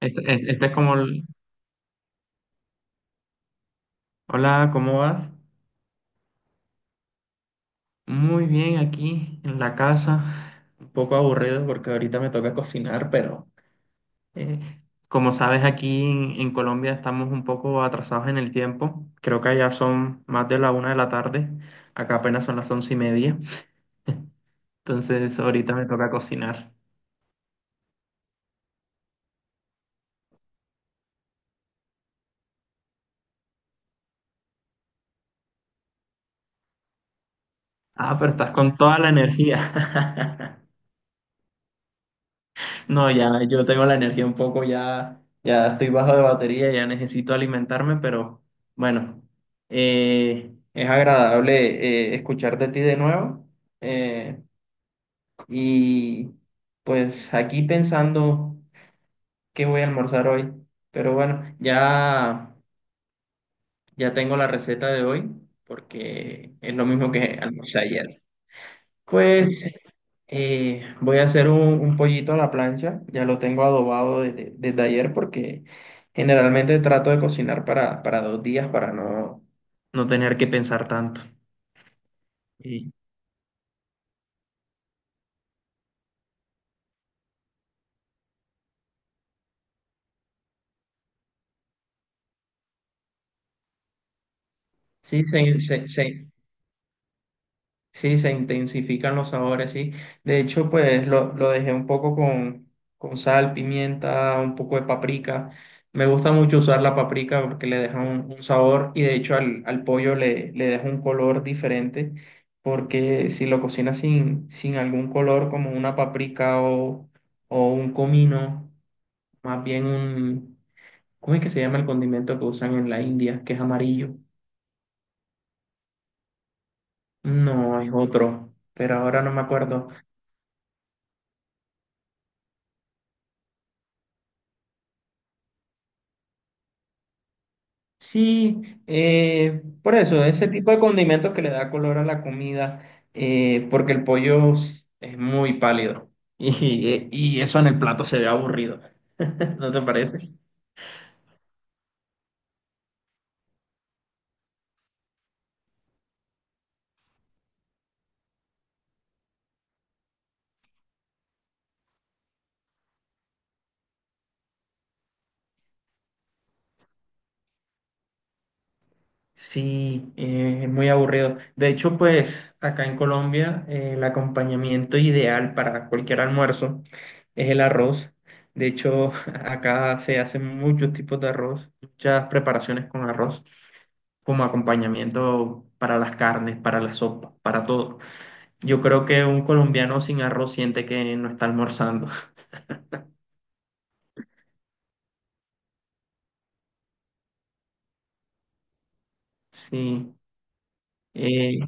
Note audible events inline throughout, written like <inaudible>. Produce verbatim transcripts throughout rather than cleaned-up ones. Este, este- este es como, el- hola, ¿cómo vas? Muy bien, aquí en la casa, un poco aburrido porque ahorita me toca cocinar, pero eh, como sabes, aquí en, en Colombia estamos un poco atrasados en el tiempo. Creo que allá son más de la una de la tarde, acá apenas son las once y media. <laughs> Entonces ahorita me toca cocinar. Ah, pero estás con toda la energía. <laughs> No, ya yo tengo la energía un poco, ya, ya estoy bajo de batería, ya necesito alimentarme, pero bueno, eh, es agradable, eh, escuchar de ti de nuevo. eh, y pues aquí pensando qué voy a almorzar hoy, pero bueno, ya, ya tengo la receta de hoy porque es lo mismo que almorcé ayer. Pues, Eh, voy a hacer un, un pollito a la plancha, ya lo tengo adobado desde, desde ayer porque generalmente trato de cocinar para, para dos días para no, no tener que pensar tanto. Y sí, se, se, se- sí, se intensifican los sabores, sí. De hecho, pues lo, lo dejé un poco con, con sal, pimienta, un poco de paprika. Me gusta mucho usar la paprika porque le deja un, un sabor, y de hecho al, al pollo le, le deja un color diferente, porque si lo cocinas sin, sin algún color como una paprika o, o un comino, más bien un... ¿cómo es que se llama el condimento que usan en la India, que es amarillo? No, es otro, pero ahora no me acuerdo. Sí, eh, por eso, ese tipo de condimentos que le da color a la comida, eh, porque el pollo es es muy pálido, <laughs> y, y eso en el plato se ve aburrido. <laughs> ¿No te parece? Sí, eh, es muy aburrido. De hecho, pues acá en Colombia, eh, el acompañamiento ideal para cualquier almuerzo es el arroz. De hecho, <laughs> acá se hacen muchos tipos de arroz, muchas preparaciones con arroz, como acompañamiento para las carnes, para la sopa, para todo. Yo creo que un colombiano sin arroz siente que no está almorzando. <laughs> Sí, eh,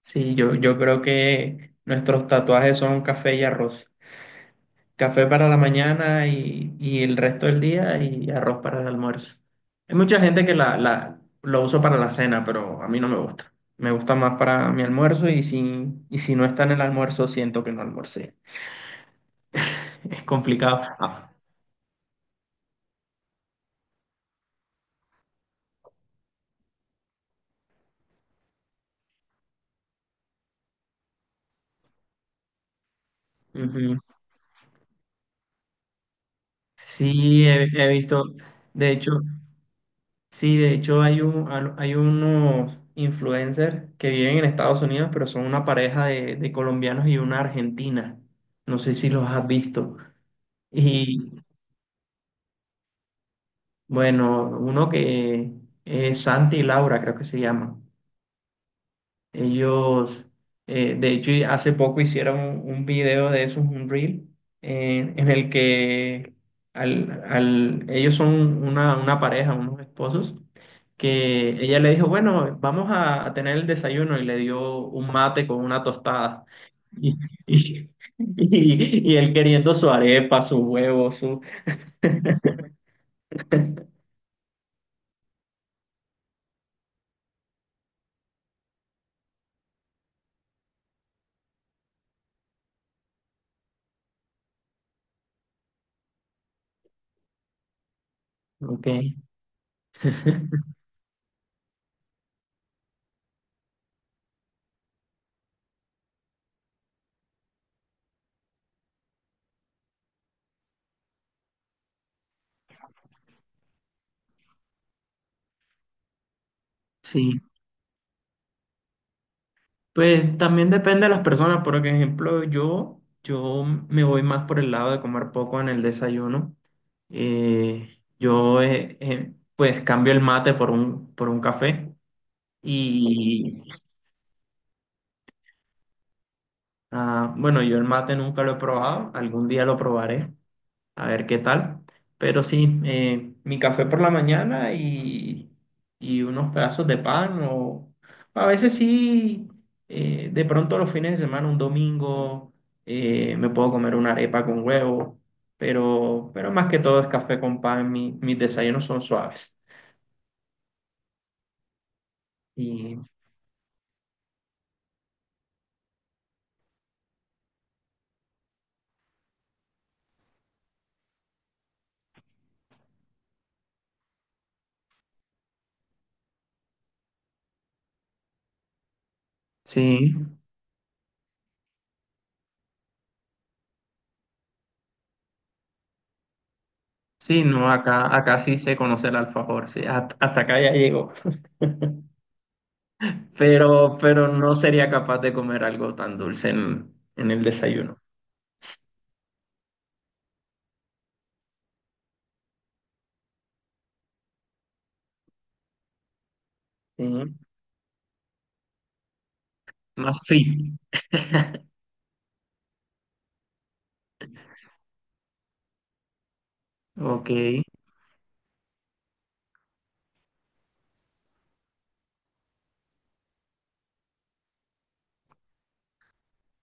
sí, yo, yo creo que nuestros tatuajes son café y arroz. Café para la mañana y, y el resto del día, y arroz para el almuerzo. Hay mucha gente que la, la, lo usa para la cena, pero a mí no me gusta. Me gusta más para mi almuerzo, y si, y si no está en el almuerzo, siento que no almorcé. <laughs> Es complicado. Ah, ujú. Sí, he, he visto, de hecho, sí, de hecho hay un, al- hay unos influencers que viven en Estados Unidos, pero son una pareja de, de colombianos y una argentina. No sé si los has visto. Y bueno, uno que es Santi y Laura, creo que se llama. Ellos, eh, de hecho, y hace poco hicieron un, un video de esos, un reel, eh, en el que al, al- ellos son una, una pareja, unos esposos, que ella le dijo, bueno, vamos a, a tener el desayuno, y le dio un mate con una tostada. Y, <laughs> y, y, y él queriendo su arepa, su huevo, su... Ok. <laughs> Sí. Pues también depende de las personas, por ejemplo, yo, yo me voy más por el lado de comer poco en el desayuno. Eh, yo, eh, eh, pues cambio el mate por un, por un café. Y ah, bueno, yo el mate nunca lo he probado, algún día lo probaré, a ver qué tal. Pero sí, eh, mi café por la mañana y, y unos pedazos de pan, o a veces sí, eh, de pronto los fines de semana, un domingo, eh, me puedo comer una arepa con huevo, pero, pero más que todo es café con pan, mi- mis desayunos son suaves. Y sí, sí, no, acá, acá sí se conoce el alfajor, sí, hasta, hasta acá ya llego, pero, pero no sería capaz de comer algo tan dulce en, en el desayuno. Sí. Más fit. <laughs> Ok.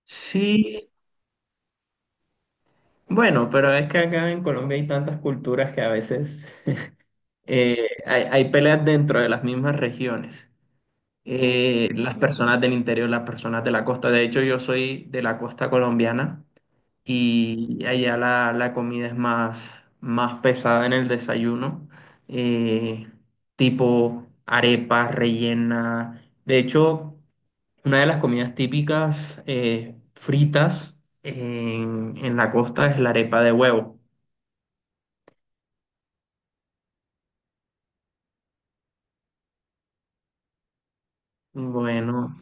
Sí, bueno, pero es que acá en Colombia hay tantas culturas que a veces, <laughs> eh, hay, hay peleas dentro de las mismas regiones. Eh, las personas del interior, las personas de la costa. De hecho, yo soy de la costa colombiana y allá la, la comida es más, más pesada en el desayuno, eh, tipo arepas, rellena. De hecho, una de las comidas típicas, eh, fritas, en, en la costa, es la arepa de huevo. Bueno,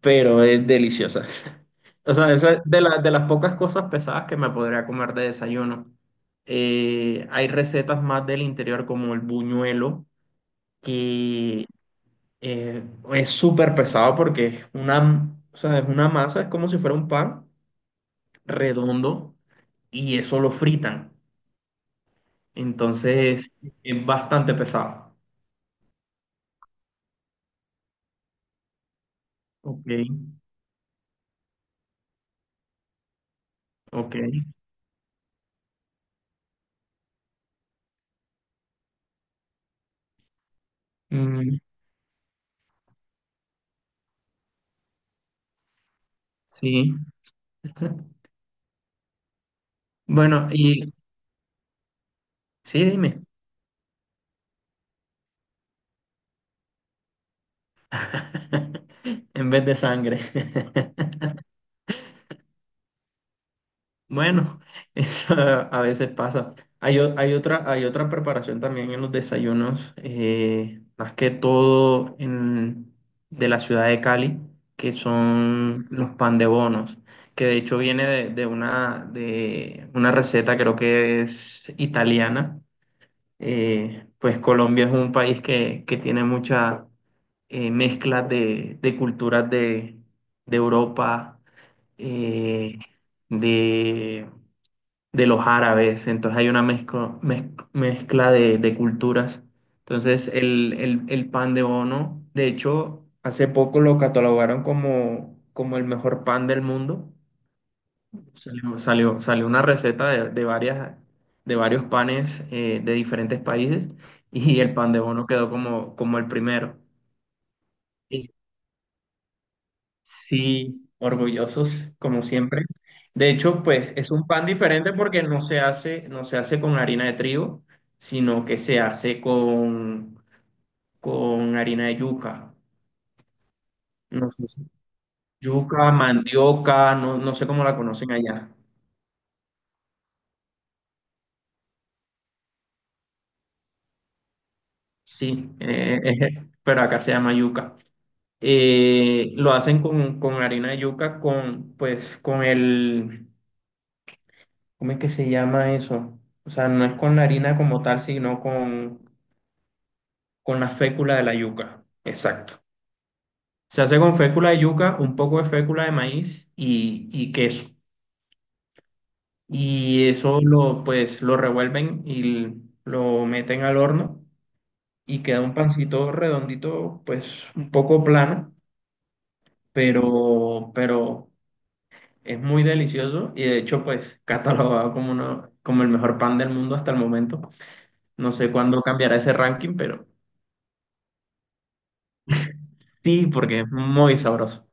pero es deliciosa. <laughs> O sea, esa es de, la- de las pocas cosas pesadas que me podría comer de desayuno. Eh, hay recetas más del interior como el buñuelo, que, eh, es súper pesado porque es una, o sea, es una masa, es como si fuera un pan redondo, y eso lo fritan. Entonces, es bastante pesado. Ok, ok. Mm, sí. <laughs> Bueno, y sí, dime. <laughs> En vez de sangre. <laughs> Bueno, <laughs> eso a veces pasa. Hay, o- hay otra, hay otra preparación también en los desayunos, eh, más que todo en, de la ciudad de Cali, que son los pan de bonos, que de hecho viene de, de una, de una receta, creo que es italiana. Eh, pues Colombia es un país que, que tiene mucha, eh, mezcla de, de culturas, de, de Europa, eh, de de los árabes, entonces hay una mezcla, mezcla de, de culturas. Entonces el, el- el pan de bono, de hecho, hace poco lo catalogaron como, como el mejor pan del mundo. Salió, salió, salió una receta de, de varias, de varios panes, eh, de diferentes países, y el pan de bono quedó como, como el primero. Sí, orgullosos, como siempre. De hecho, pues es un pan diferente porque no se hace, no se hace con harina de trigo, sino que se hace con, con harina de yuca. No sé si- yuca, mandioca, no, no sé cómo la conocen allá. Sí, eh, <laughs> pero acá se llama yuca. Eh, lo hacen con, con harina de yuca, con, pues, con el, ¿cómo es que se llama eso? O sea, no es con la harina como tal, sino con Con la fécula de la yuca, exacto. Se hace con fécula de yuca, un poco de fécula de maíz y, y queso. Y eso lo, pues, lo revuelven y l- lo meten al horno, y queda un pancito redondito, pues un poco plano, pero, pero es muy delicioso, y de hecho, pues, <laughs> catalogado como, uno, como el mejor pan del mundo hasta el momento. No sé cuándo cambiará ese ranking, pero sí, porque es muy sabroso.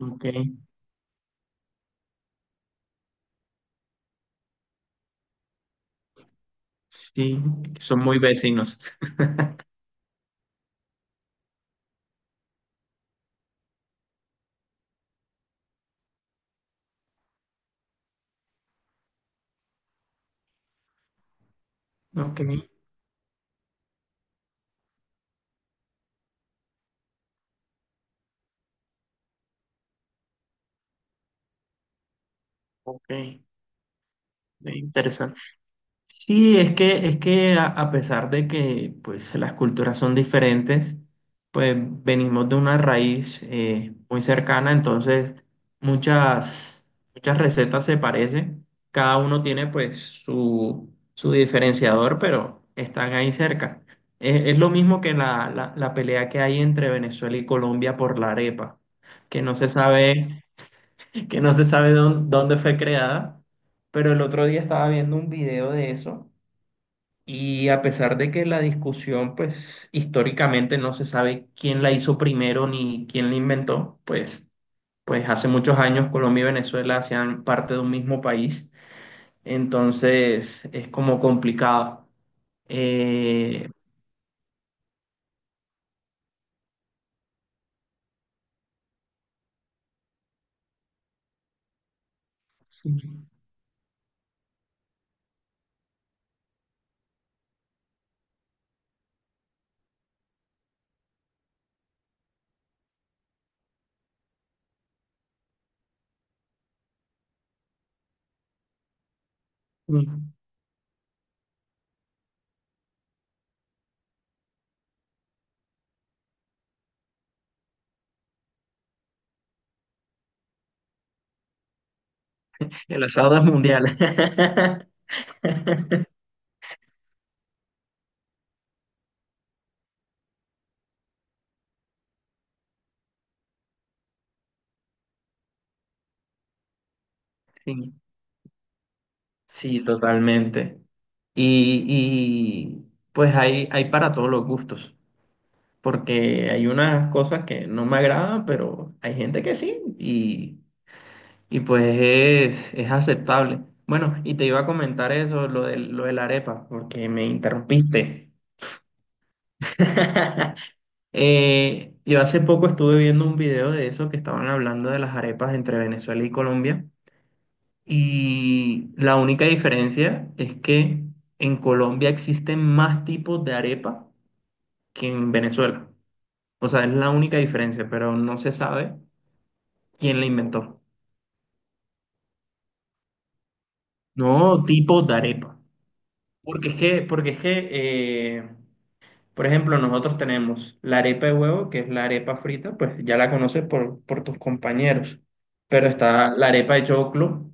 Ok, sí, son muy vecinos. Ok, ok, eh, interesante. Sí, es que, es que a, a pesar de que, pues, las culturas son diferentes, pues venimos de una raíz, eh, muy cercana, entonces muchas, muchas recetas se parecen. Cada uno tiene pues su, su diferenciador, pero están ahí cerca. Es, es lo mismo que la, la la pelea que hay entre Venezuela y Colombia por la arepa, que no se sabe. Que no se sabe dón- dónde fue creada, pero el otro día estaba viendo un video de eso, y a pesar de que la discusión, pues, históricamente no se sabe quién la hizo primero ni quién la inventó, pues, pues hace muchos años Colombia y Venezuela hacían parte de un mismo país, entonces es como complicado. Eh, sí, sí, el asado es mundial. <laughs> Sí, sí, totalmente. Y, y, pues hay, hay para todos los gustos, porque hay unas cosas que no me agradan, pero hay gente que sí, y, y pues es, es aceptable. Bueno, y te iba a comentar eso, lo de, lo de la arepa, porque me interrumpiste. <laughs> Eh, yo hace poco estuve viendo un video de eso, que estaban hablando de las arepas entre Venezuela y Colombia, y la única diferencia es que en Colombia existen más tipos de arepa que en Venezuela. O sea, es la única diferencia, pero no se sabe quién la inventó. No, tipo de arepa. Porque es que, porque es que, eh, por ejemplo, nosotros tenemos la arepa de huevo, que es la arepa frita, pues ya la conoces por, por tus compañeros. Pero está la arepa de choclo,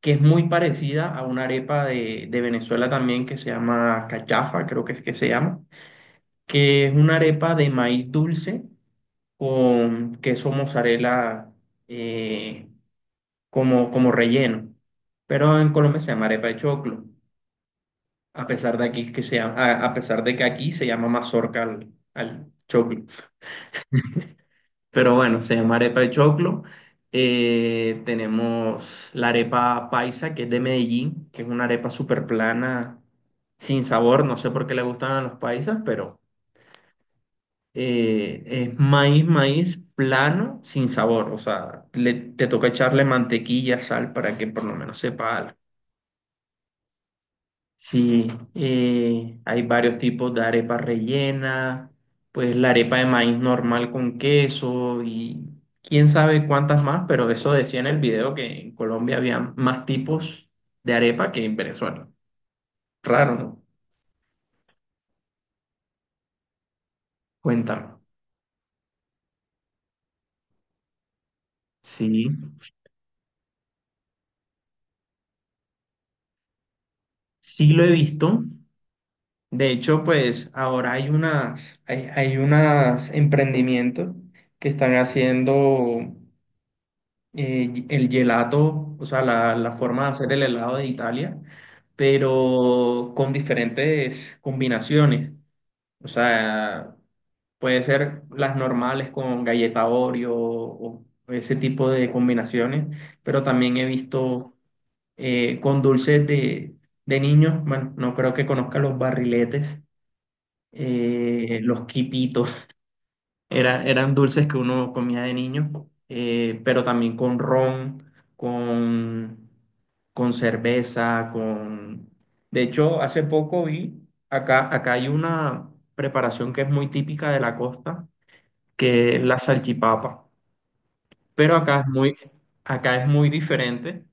que es muy parecida a una arepa de, de Venezuela también, que se llama cachafa, creo que es que se llama, que es una arepa de maíz dulce con queso mozzarella, eh, como, como relleno. Pero en Colombia se llama arepa de choclo, a pesar de aquí que se llama- a, a pesar de que aquí se llama mazorca al, al choclo. Pero bueno, se llama arepa de choclo. Eh, tenemos la arepa paisa, que es de Medellín, que es una arepa súper plana, sin sabor. No sé por qué le gustan a los paisas, pero eh, es maíz, maíz plano, sin sabor. O sea, le- te toca echarle mantequilla, sal, para que por lo menos sepa algo. Sí, eh, hay varios tipos de arepa rellena, pues la arepa de maíz normal con queso, y quién sabe cuántas más, pero eso decía en el video, que en Colombia había más tipos de arepa que en Venezuela. Raro, ¿no? Cuéntame. Sí, sí lo he visto. De hecho, pues ahora hay unas, hay, hay unas emprendimientos que están haciendo, eh, el gelato, o sea, la, la forma de hacer el helado de Italia, pero con diferentes combinaciones. O sea, puede ser las normales con galleta Oreo o ese tipo de combinaciones, pero también he visto, eh, con dulces de, de niños, bueno, no creo que conozca los barriletes, eh, los quipitos. Era, eran dulces que uno comía de niño, eh, pero también con ron, con, con cerveza, con... De hecho, hace poco vi, acá, acá hay una preparación que es muy típica de la costa, que es la salchipapa, pero acá es muy, acá es muy diferente.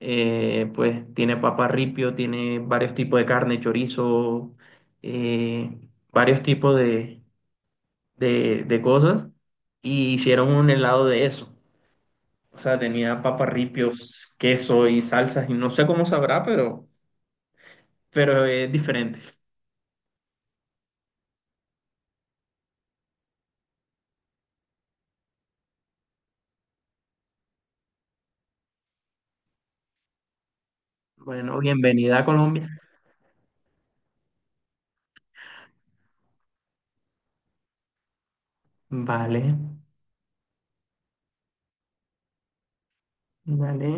eh, Pues tiene papa ripio, tiene varios tipos de carne, chorizo, eh, varios tipos de, de, de cosas, y hicieron un helado de eso. O sea, tenía papas, queso y salsas, y no sé cómo sabrá, pero, pero es diferente. Bueno, bienvenida a Colombia. Vale, vale.